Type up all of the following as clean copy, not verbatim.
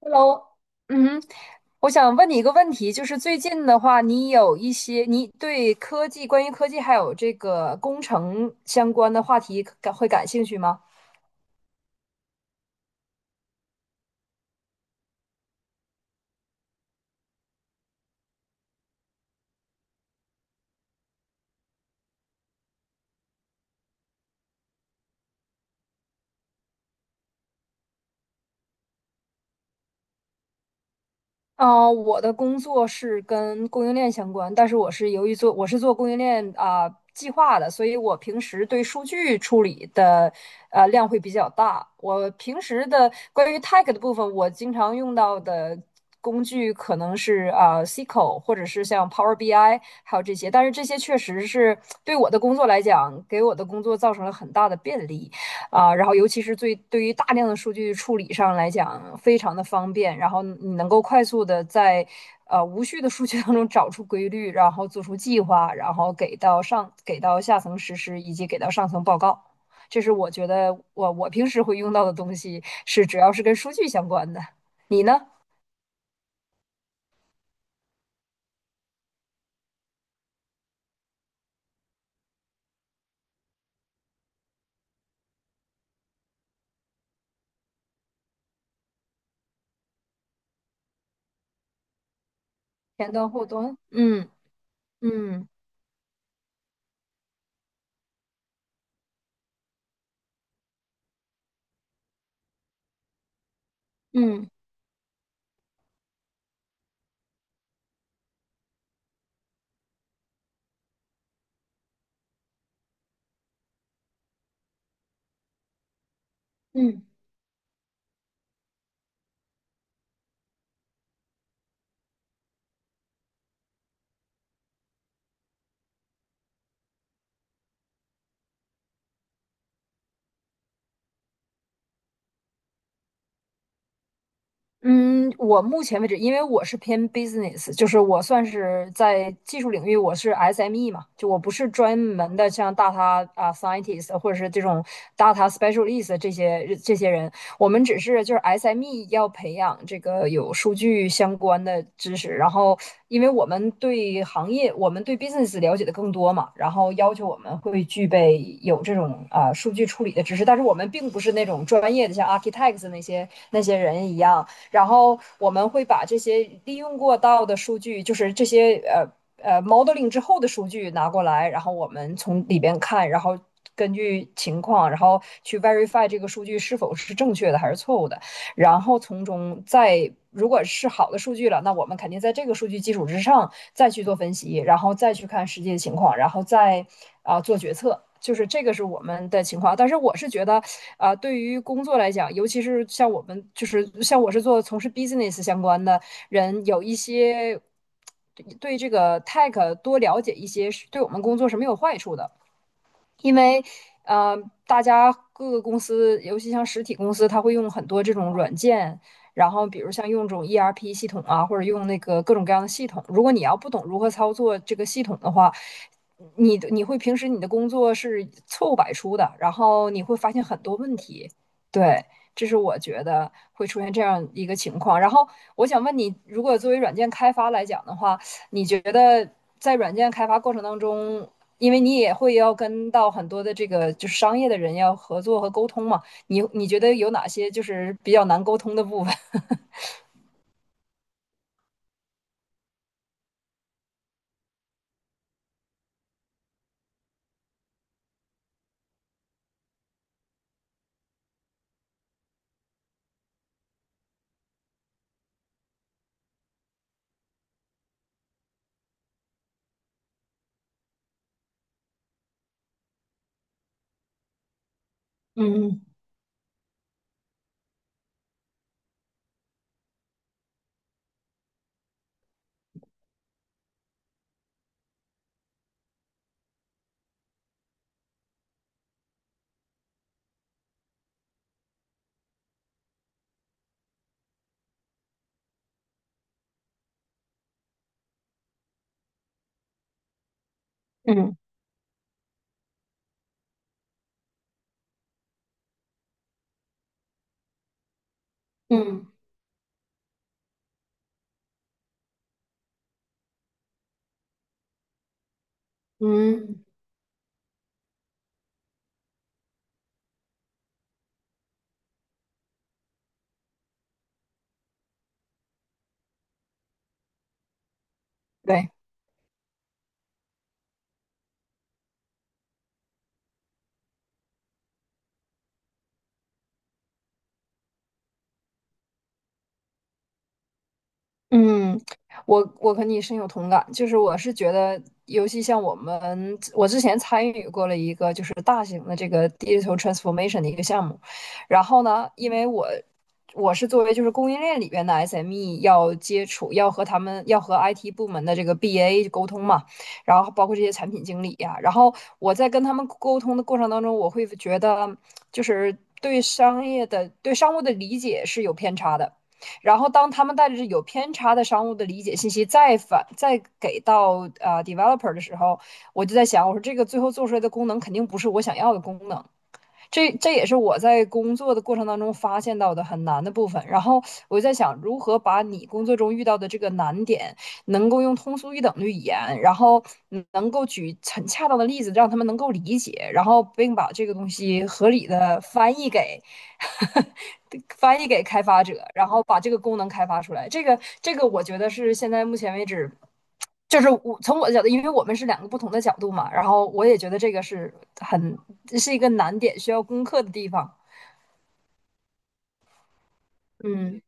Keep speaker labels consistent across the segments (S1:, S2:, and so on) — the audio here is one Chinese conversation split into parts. S1: Hello，嗯哼，我想问你一个问题，就是最近的话，你有一些你对科技，关于科技还有这个工程相关的话题感兴趣吗？我的工作是跟供应链相关，但是我是由于我是做供应链计划的，所以我平时对数据处理的量会比较大。我平时的关于 tag 的部分，我经常用到的工具可能是SQL 或者是像 Power BI，还有这些，但是这些确实是对我的工作来讲，给我的工作造成了很大的便利。然后尤其是对于大量的数据处理上来讲，非常的方便，然后你能够快速的在无序的数据当中找出规律，然后做出计划，然后给到下层实施，以及给到上层报告。这是我觉得我平时会用到的东西，是只要是跟数据相关的。你呢？前端、后端。嗯嗯嗯嗯。嗯嗯，我目前为止，因为我是偏 business,就是我算是在技术领域，我是 SME 嘛，就我不是专门的像 data 啊 scientist 或者是这种 data specialist 这些人，我们只是就是 SME 要培养这个有数据相关的知识，然后因为我们对行业，我们对 business 了解的更多嘛，然后要求我们会具备有这种数据处理的知识，但是我们并不是那种专业的像 architects 那些人一样。然后我们会把这些利用过到的数据，就是这些modeling 之后的数据拿过来，然后我们从里边看。然后根据情况，然后去 verify 这个数据是否是正确的还是错误的。然后从中再如果是好的数据了，那我们肯定在这个数据基础之上再去做分析，然后再去看实际的情况，然后再做决策。就是这个是我们的情况，但是我是觉得，对于工作来讲，尤其是像我们，就是像我是做从事 business 相关的人，有一些对这个 tech 多了解一些，对我们工作是没有坏处的。因为呃，大家各个公司，尤其像实体公司，它会用很多这种软件，然后比如像用这种 ERP 系统啊，或者用那个各种各样的系统。如果你要不懂如何操作这个系统的话，你会平时你的工作是错误百出的，然后你会发现很多问题。对，这是我觉得会出现这样一个情况。然后我想问你，如果作为软件开发来讲的话，你觉得在软件开发过程当中，因为你也会要跟到很多的这个就是商业的人要合作和沟通嘛，你觉得有哪些就是比较难沟通的部分？嗯嗯嗯嗯嗯，对，嗯，我和你深有同感，就是我是觉得，尤其像我们，我之前参与过了一个就是大型的这个 digital transformation 的一个项目，然后呢，因为我是作为就是供应链里边的 SME 要接触，要和他们要和 IT 部门的这个 BA 沟通嘛，然后包括这些产品经理呀、然后我在跟他们沟通的过程当中，我会觉得就是对商业的对商务的理解是有偏差的。然后当他们带着有偏差的商务的理解信息再给到developer 的时候，我就在想，我说这个最后做出来的功能肯定不是我想要的功能，这也是我在工作的过程当中发现到的很难的部分。然后我就在想，如何把你工作中遇到的这个难点，能够用通俗易懂的语言，然后能够举很恰当的例子，让他们能够理解，然后并把这个东西合理的翻译给 翻译给开发者，然后把这个功能开发出来。这个，我觉得是现在目前为止。就是我从我的角度，因为我们是两个不同的角度嘛，然后我也觉得这个是很，是一个难点，需要攻克的地方。嗯。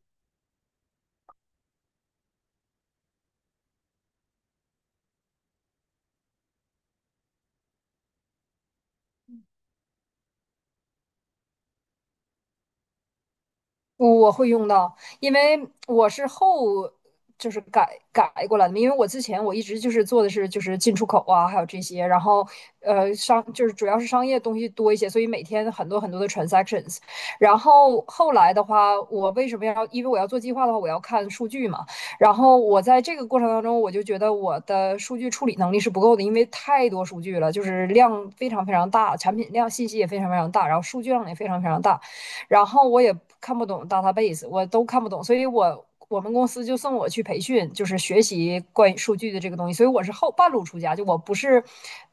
S1: 我会用到，因为我是就是改过来的嘛，因为我之前我一直就是做的是就是进出口啊，还有这些，然后就是主要是商业东西多一些，所以每天很多很多的 transactions。然后后来的话，我为什么要？因为我要做计划的话，我要看数据嘛。然后我在这个过程当中，我就觉得我的数据处理能力是不够的，因为太多数据了，就是量非常非常大，产品量信息也非常非常大，然后数据量也非常非常大。然后我也看不懂 database,我都看不懂，所以我们公司就送我去培训，就是学习关于数据的这个东西，所以我是后半路出家，就我不是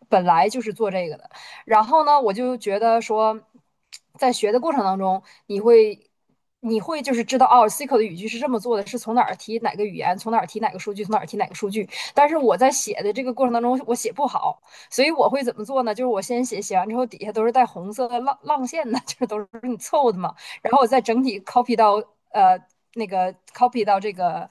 S1: 本来就是做这个的。然后呢，我就觉得说，在学的过程当中，你会。你会就是知道哦，SQL 的语句是这么做的，是从哪儿提哪个语言，从哪儿提哪个数据，从哪儿提哪个数据。但是我在写的这个过程当中，我写不好，所以我会怎么做呢？就是我先写，写完之后底下都是带红色的浪线的，就是都是你凑的嘛，然后我再整体 copy 到呃这个。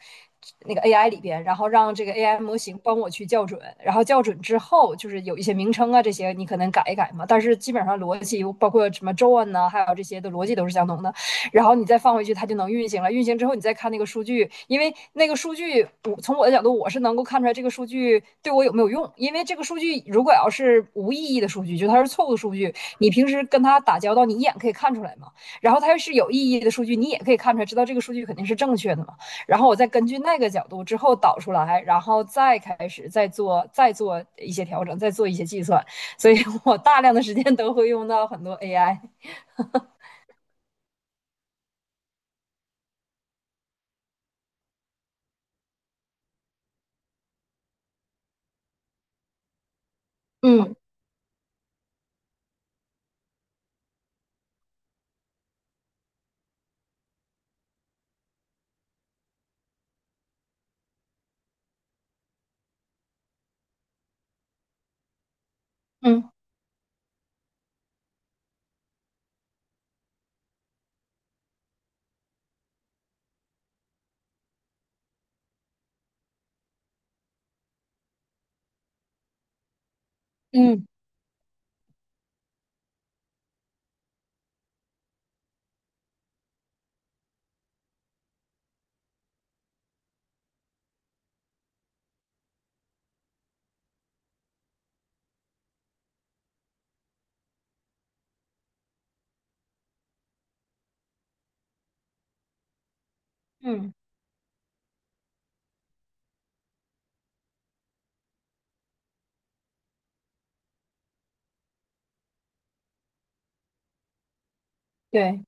S1: 那个 AI 里边，然后让这个 AI 模型帮我去校准，然后校准之后，就是有一些名称啊这些你可能改一改嘛，但是基本上逻辑包括什么 Join 呢，还有这些的逻辑都是相同的。然后你再放回去，它就能运行了。运行之后，你再看那个数据，因为那个数据，我从我的角度，我是能够看出来这个数据对我有没有用。因为这个数据如果要是无意义的数据，就它是错误的数据，你平时跟它打交道，你一眼可以看出来嘛。然后它要是有意义的数据，你也可以看出来，知道这个数据肯定是正确的嘛。然后我再根据那个角度之后导出来，然后再开始再做一些调整，再做一些计算。所以我大量的时间都会用到很多 AI。嗯嗯嗯嗯。嗯嗯对，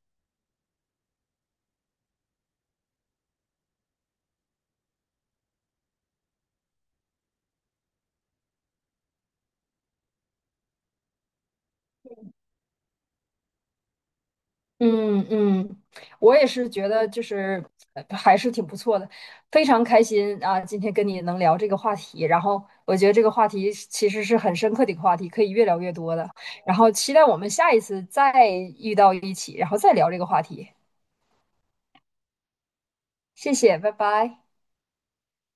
S1: 嗯嗯，我也是觉得就是还是挺不错的，非常开心啊！今天跟你能聊这个话题，然后我觉得这个话题是其实是很深刻的一个话题，可以越聊越多的。然后期待我们下一次再遇到一起，然后再聊这个话题。谢谢，拜拜。